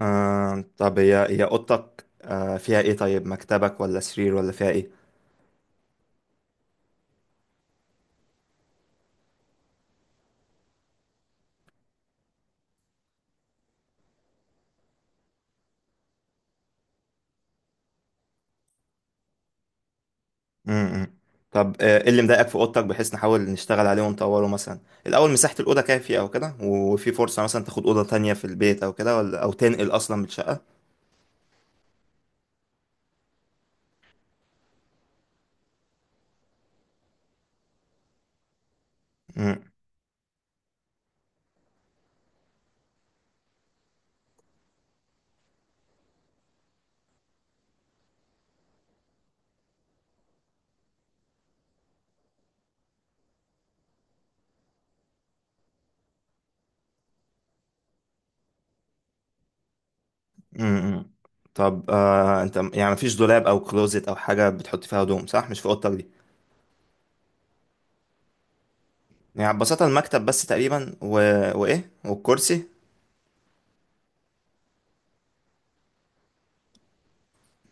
آه طب هي أوضتك فيها إيه؟ طيب مكتبك ولا سرير ولا فيها إيه؟ امم. طب إيه اللي مضايقك في أوضتك، بحيث نحاول نشتغل عليه ونطوره مثلا؟ الأول مساحة الأوضة كافية أو كده، وفي فرصة مثلا تاخد أوضة تانية في البيت أو كده، ولا تنقل أصلا من الشقة؟ امم، امم. طب أنت، يعني مفيش دولاب أو كلوزت أو حاجة بتحط فيها هدوم، صح؟ مش في أوضتك دي. يعني ببساطة المكتب بس تقريبا وإيه؟ والكرسي؟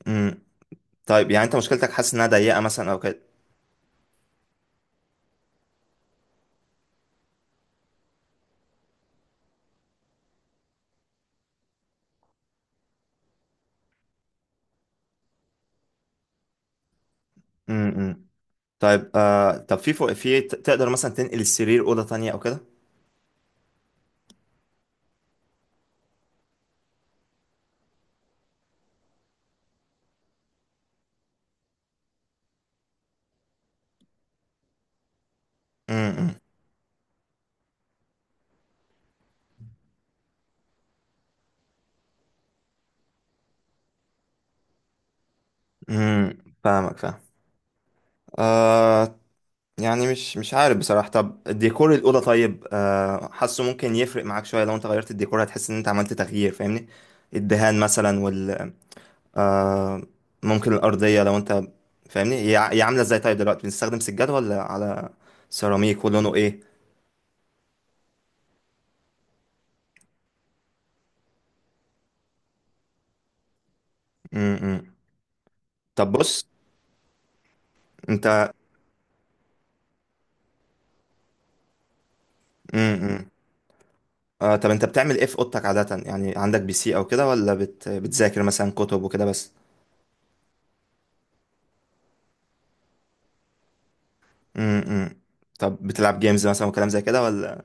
امم. طيب يعني أنت مشكلتك حاسس إنها ضيقة مثلا أو كده؟ امم. طيب آه طب في فوق، تقدر مثلا تنقل السرير أوضة تانية أو كده؟ امم، امم. فاهمك فاهم. آه يعني مش عارف بصراحة. طب ديكور الأوضة، طيب حاسه ممكن يفرق معاك شوية، لو أنت غيرت الديكور هتحس إن أنت عملت تغيير، فاهمني؟ الدهان مثلا، وال آه ممكن الأرضية لو أنت، فاهمني، هي عاملة إزاي؟ طيب دلوقتي بنستخدم سجاد ولا على سيراميك؟ ولونه إيه؟ امم. طب بص أنت، امم آه طب انت بتعمل ايه في اوضتك عادة؟ يعني عندك PC او كده، ولا بتذاكر مثلا كتب وكده بس؟ امم. طب بتلعب جيمز مثلا وكلام زي كده، ولا؟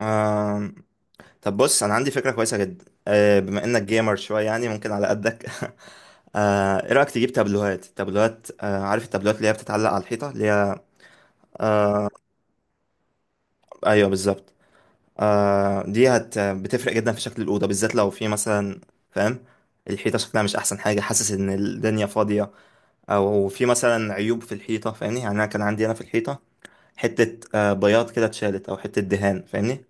آه... طب بص، انا عندي فكرة كويسة جدا. بما انك جيمر شوية، يعني ممكن على قدك. ايه رأيك تجيب تابلوهات؟ تابلوهات، عارف التابلوهات اللي هي بتتعلق على الحيطة؟ اللي هي، ايوه بالظبط. دي بتفرق جدا في شكل الأوضة، بالذات لو في مثلا، فاهم، الحيطة شكلها مش أحسن حاجة، حاسس إن الدنيا فاضية. او في مثلا عيوب في الحيطه، فاهمني، يعني انا كان عندي في الحيطه حته، بياض كده اتشالت، او حته دهان، فاهمني.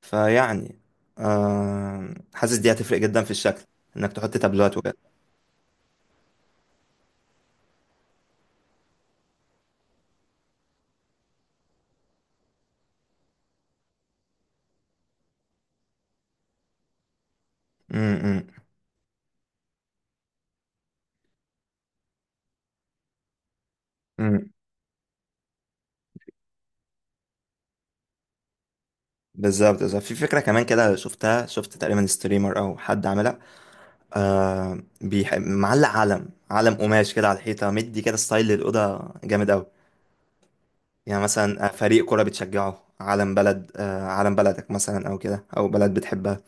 فيعني حاسس دي هتفرق جدا في الشكل، انك تحط تابلوات وكده. امم، امم. بالظبط، بالظبط. في فكره كمان كده، شفت تقريبا ستريمر او حد عاملها، معلق علم قماش كده على الحيطه، مدي كده ستايل للاوضه جامد قوي. يعني مثلا، فريق كوره بتشجعه، علم بلدك مثلا او كده، او بلد بتحبها.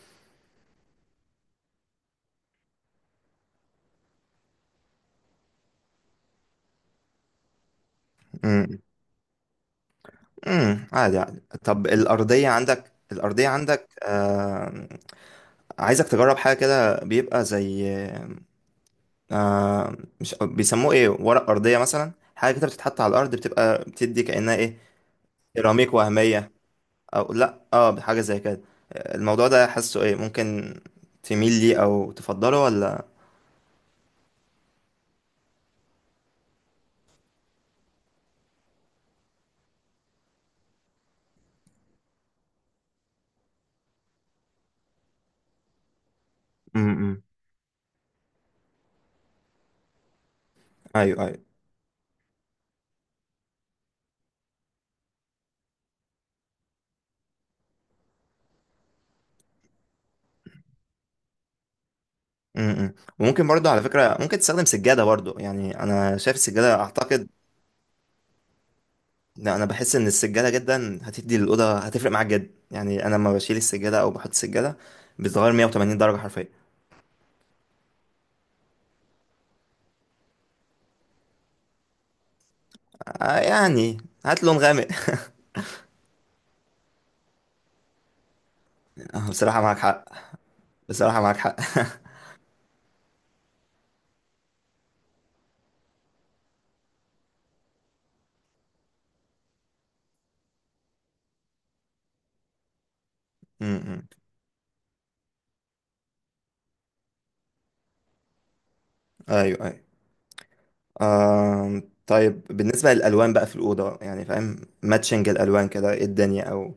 امم. عادي، عادي. طب الأرضية عندك، عايزك تجرب حاجة كده، بيبقى زي، آه... مش بيسموه ايه، ورق أرضية مثلا، حاجة كده بتتحط على الأرض، بتدي كأنها ايه، سيراميك وهمية، أو لأ اه حاجة زي كده. الموضوع ده حاسه ايه ممكن، تميل ليه أو تفضله، ولا؟ امم. ايوه، ايوه. امم، وممكن برضه على فكرة، ممكن تستخدم سجادة برضه، يعني أنا شايف السجادة أعتقد. لا، انا بحس ان السجاده جدا هتدي للاوضه، هتفرق معاك جدا. يعني انا لما بشيل السجاده او بحط السجاده، بتتغير 180 درجه حرفيا. يعني هات لون غامق. بصراحه معاك حق. بصراحه معاك حق. م-م. ايوه، ايوه. طيب بالنسبه للالوان بقى في الاوضه، يعني فاهم، ماتشنج الالوان كده، ايه الدنيا او،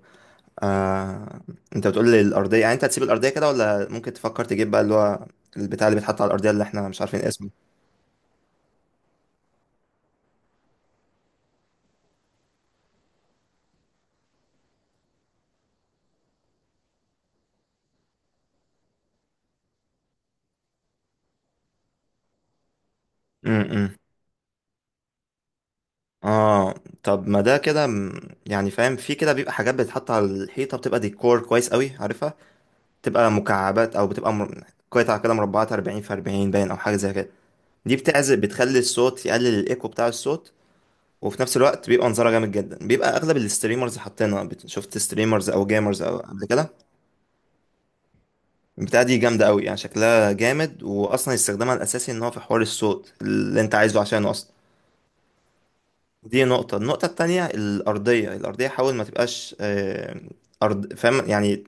آه انت بتقول لي الارضيه، يعني انت هتسيب الارضيه كده، ولا ممكن تفكر تجيب بقى اللي هو البتاع اللي بيتحط على الارضيه اللي احنا مش عارفين اسمه؟ م-م. اه، طب ما ده كده، يعني فاهم، في كده بيبقى حاجات بتتحط على الحيطة بتبقى ديكور كويس قوي، عارفها، بتبقى مكعبات او بتبقى قطع كده مربعات 40 في 40 باين، او حاجة زي كده. دي بتعزل، بتخلي الصوت يقلل الايكو بتاع الصوت. وفي نفس الوقت بيبقى منظرها جامد جدا، بيبقى اغلب الستريمرز حاطينها، شفت ستريمرز او جيمرز او قبل كده؟ البتاعة دي جامدة قوي، يعني شكلها جامد، واصلا استخدامها الاساسي ان هو في حوار الصوت اللي انت عايزه عشانه اصلا. دي نقطة. النقطة التانية الأرضية، حاول ما تبقاش أرض، فاهم يعني.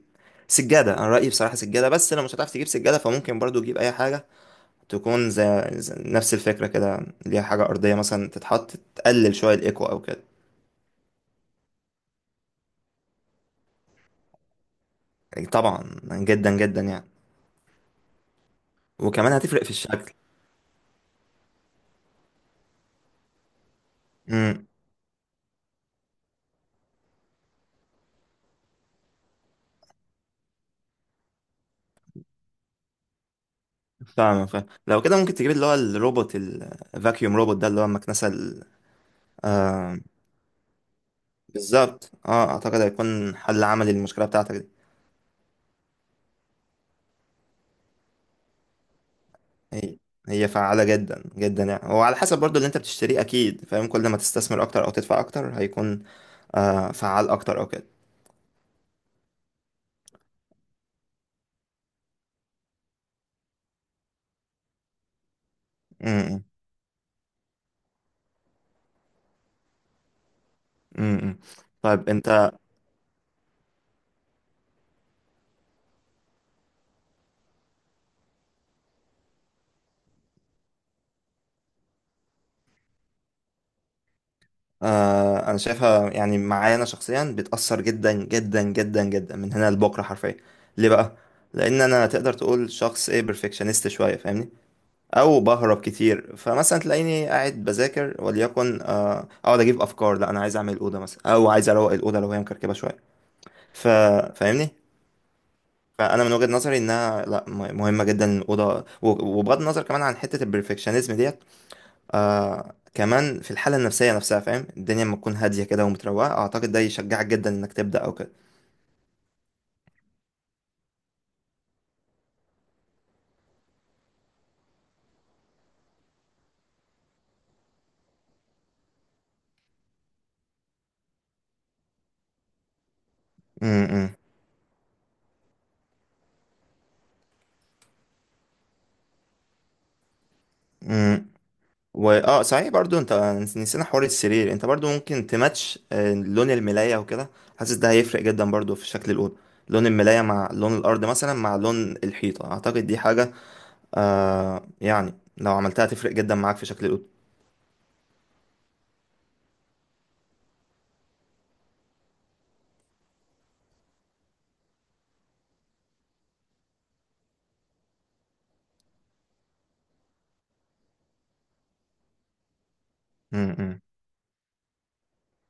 سجادة، أنا رأيي بصراحة سجادة. بس لو مش هتعرف تجيب سجادة فممكن برضو تجيب أي حاجة تكون زي نفس الفكرة كده، ليها حاجة أرضية مثلا تتحط تقلل شوية الإيكو أو كده. يعني طبعا، جدا جدا يعني. وكمان هتفرق في الشكل. امم. فاهم فاهم. لو كده ممكن تجيب اللي هو الروبوت الفاكيوم، روبوت ده اللي هو المكنسة آه بالظبط. اه اعتقد هيكون حل عملي للمشكلة بتاعتك دي. هي هي فعالة جدا جدا يعني. وعلى حسب برضو اللي انت بتشتريه، اكيد فاهم، كل ما تستثمر اكتر او تدفع اكتر هيكون فعال اكتر او كده. امم، امم. إمم، إمم. طيب انت آه انا شايفها، يعني معايا انا شخصيا بتأثر جدا جدا جدا جدا، من هنا لبكرة حرفيا. ليه بقى؟ لان انا تقدر تقول شخص، ايه، بيرفكشنست شوية، فاهمني، او بهرب كتير. فمثلا تلاقيني قاعد بذاكر، وليكن اقعد اجيب افكار: لا انا عايز اعمل الاوضه مثلا، او عايز اروق الاوضه لو هي مكركبه شويه. ف... فاهمني؟ فانا من وجهة نظري انها لا م- مهمه جدا الاوضه. و- وبغض النظر كمان عن حته البرفكشنزم ديت، كمان في الحاله النفسيه نفسها. فاهم، الدنيا لما تكون هاديه كده ومتروقه، اعتقد ده يشجعك جدا انك تبدا او كده. امم، امم. واه صحيح، برضو انت نسينا حوار السرير. انت برضو ممكن تماتش لون الملايه وكده. حاسس ده هيفرق جدا برضو في شكل الاوضه، لون الملايه مع لون الارض مثلا مع لون الحيطه. اعتقد دي حاجه يعني لو عملتها تفرق جدا معاك في شكل الاوضه. امم.